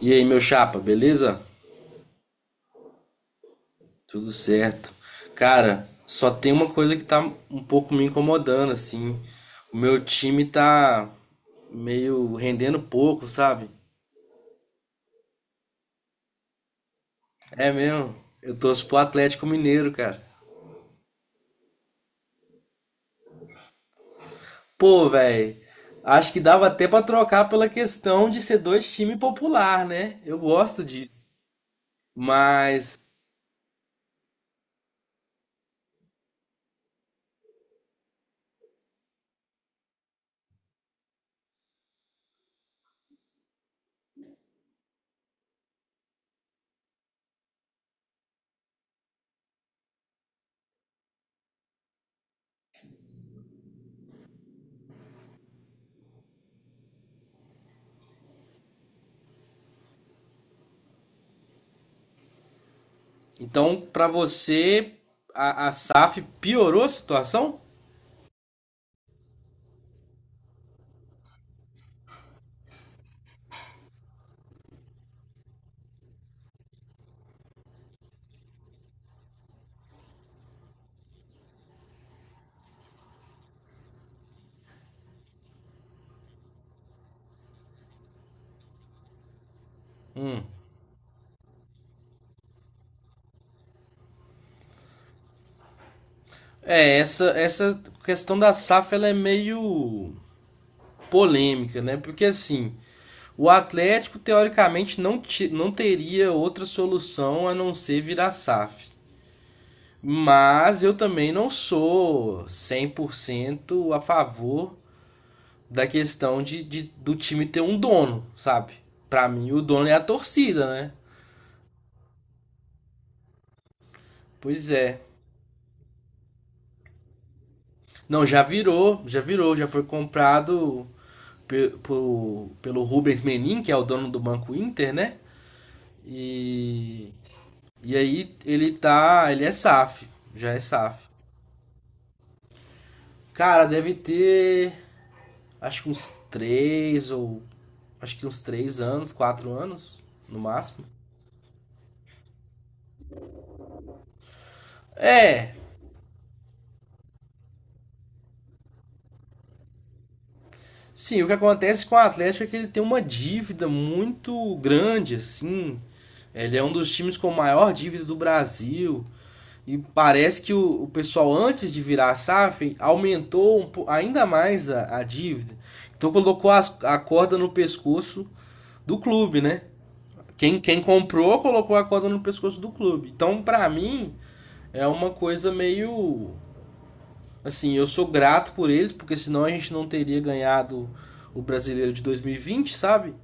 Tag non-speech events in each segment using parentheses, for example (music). E aí, meu chapa, beleza? Tudo certo. Cara, só tem uma coisa que tá um pouco me incomodando, assim. O meu time tá meio rendendo pouco, sabe? É mesmo. Eu torço pro Atlético Mineiro, cara. Pô, velho. Acho que dava até pra trocar pela questão de ser dois times popular, né? Eu gosto disso. Mas, então, pra você, a SAF piorou a situação? Hum. É, essa questão da SAF ela é meio polêmica, né? Porque assim, o Atlético teoricamente não teria outra solução a não ser virar SAF. Mas eu também não sou 100% a favor da questão de do time ter um dono, sabe? Pra mim, o dono é a torcida, né? Pois é. Não, já virou, já virou, já foi comprado pelo Rubens Menin, que é o dono do Banco Inter, né? E, e aí ele tá, ele é SAF, já é SAF. Cara, deve ter, acho que uns três ou, acho que uns 3 anos, 4 anos, no máximo. É, sim, o que acontece com o Atlético é que ele tem uma dívida muito grande, assim. Ele é um dos times com maior dívida do Brasil. E parece que o pessoal, antes de virar a SAF, aumentou um ainda mais a dívida. Então colocou a corda no pescoço do clube, né? Quem comprou colocou a corda no pescoço do clube. Então, pra mim, é uma coisa meio. Assim, eu sou grato por eles, porque senão a gente não teria ganhado o brasileiro de 2020, sabe?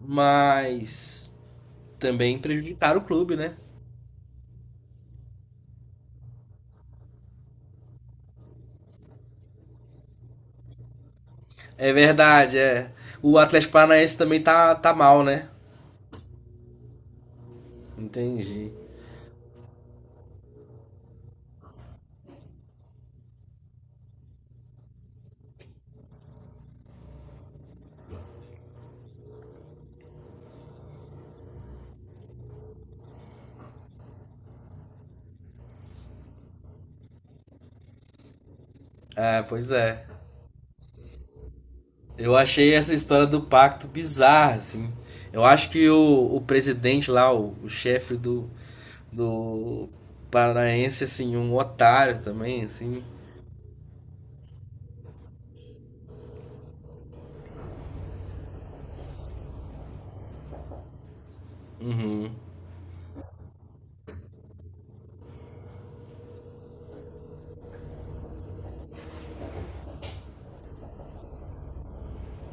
Mas também prejudicaram o clube, né? É verdade, é. O Atlético Paranaense também tá, tá mal, né? Entendi. É, pois é. Eu achei essa história do pacto bizarra, assim. Eu acho que o presidente lá, o chefe do, do Paranaense, assim, um otário também, assim. Uhum,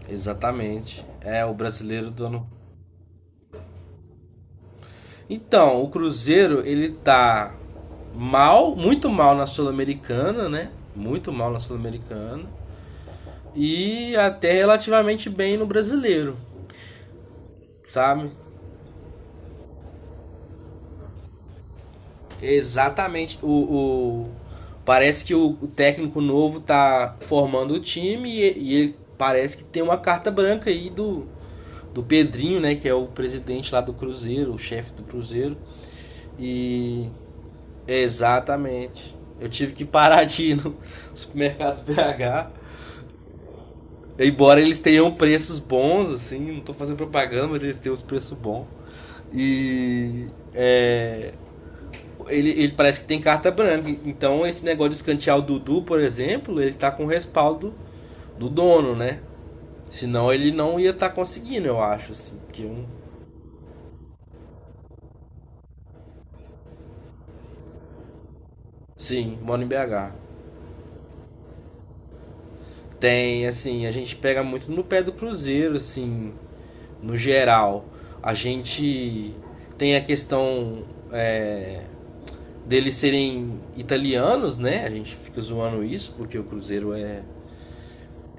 exatamente. É, o brasileiro do ano. Então, o Cruzeiro, ele tá mal, muito mal na Sul-Americana, né? Muito mal na Sul-Americana. E até relativamente bem no brasileiro, sabe? Exatamente. Parece que o técnico novo tá formando o time e ele parece que tem uma carta branca aí do Pedrinho, né? Que é o presidente lá do Cruzeiro, o chefe do Cruzeiro. E. Exatamente. Eu tive que parar de ir no (laughs) supermercado BH. Embora eles tenham preços bons, assim, não tô fazendo propaganda, mas eles têm os preços bons. E. É, ele parece que tem carta branca. Então esse negócio de escantear o Dudu, por exemplo, ele tá com o respaldo do dono, né? Senão ele não ia estar tá conseguindo, eu acho, assim. Porque um... Sim, moro em BH. Tem, assim, a gente pega muito no pé do Cruzeiro, assim, no geral. A gente tem a questão é, deles serem italianos, né? A gente fica zoando isso, porque o Cruzeiro é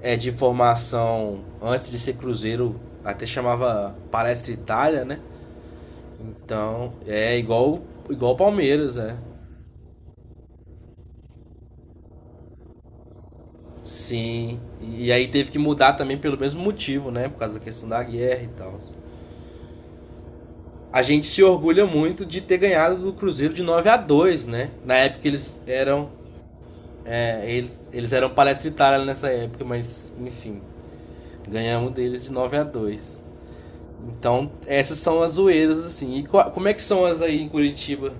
é de formação antes de ser Cruzeiro, até chamava Palestra Itália, né? Então, é igual Palmeiras, né? Sim. E aí teve que mudar também pelo mesmo motivo, né? Por causa da questão da guerra e tal. A gente se orgulha muito de ter ganhado do Cruzeiro de 9 a 2, né? Na época eles eram Palestra Itália nessa época, mas enfim, ganhamos deles de 9 a 2. Então, essas são as zoeiras, assim. E como é que são as aí em Curitiba?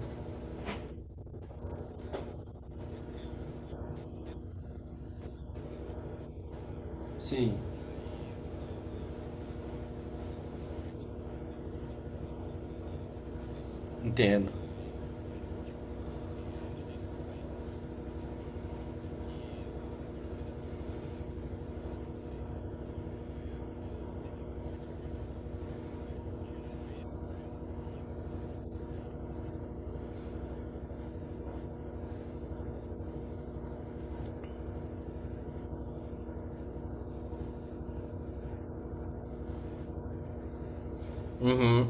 Sim, entendo. Uhum.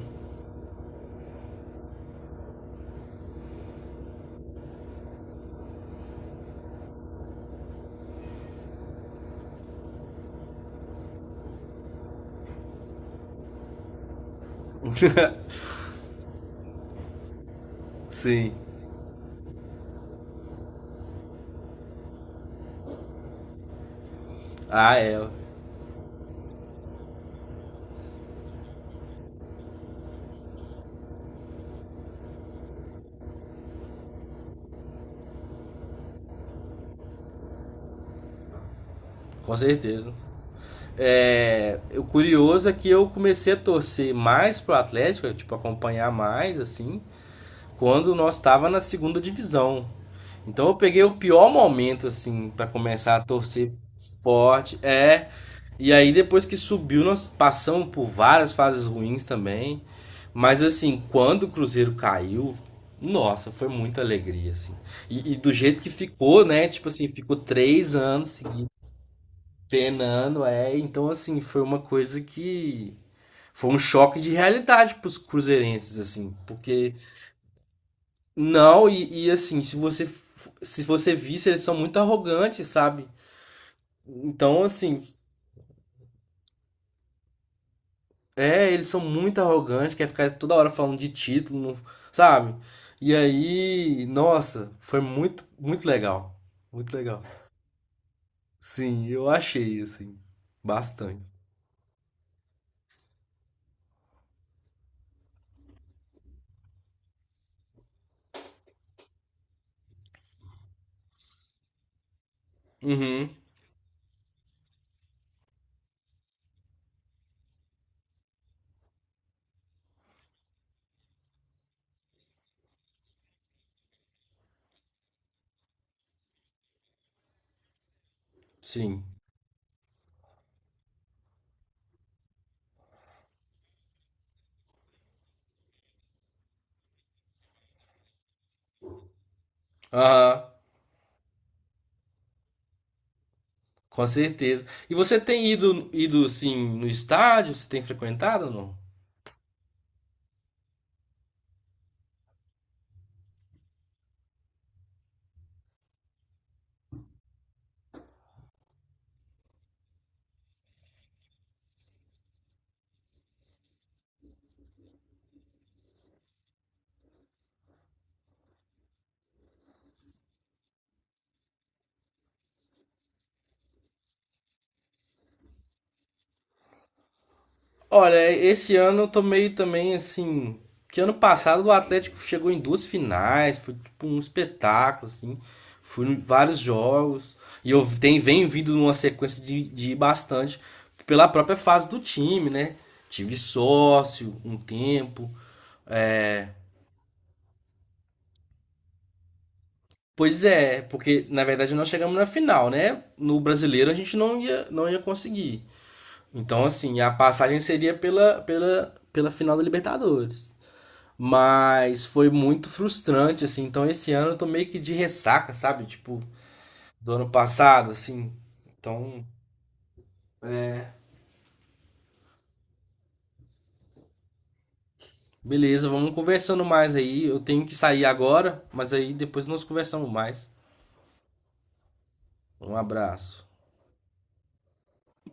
(laughs) Sim. Ah, é. Com certeza. É, o curioso é que eu comecei a torcer mais pro Atlético, tipo, acompanhar mais, assim, quando nós tava na segunda divisão. Então eu peguei o pior momento, assim, para começar a torcer forte. É, e aí depois que subiu, nós passamos por várias fases ruins também. Mas assim, quando o Cruzeiro caiu, nossa, foi muita alegria, assim. E do jeito que ficou, né? Tipo assim, ficou 3 anos seguidos penando, é. Então, assim, foi uma coisa que. Foi um choque de realidade pros cruzeirenses, assim. Porque. Não, e assim, se você visse, eles são muito arrogantes, sabe? Então, assim. É, eles são muito arrogantes, quer ficar toda hora falando de título, não- sabe? E aí, nossa, foi muito, muito legal. Muito legal. Sim, eu achei, assim, bastante. Uhum, sim. Aham, com certeza. E você tem ido, assim, no estádio? Você tem frequentado ou não? Olha, esse ano eu tô meio também assim. Que ano passado o Atlético chegou em duas finais, foi tipo um espetáculo, assim. Fui em vários jogos. E eu tenho, venho vindo numa sequência de ir bastante pela própria fase do time, né? Tive sócio um tempo. É... Pois é, porque na verdade nós chegamos na final, né? No brasileiro a gente não ia conseguir. Então, assim, a passagem seria pela final da Libertadores. Mas foi muito frustrante, assim. Então esse ano eu tô meio que de ressaca, sabe? Tipo, do ano passado, assim. Então, beleza, vamos conversando mais aí. Eu tenho que sair agora, mas aí depois nós conversamos mais. Um abraço.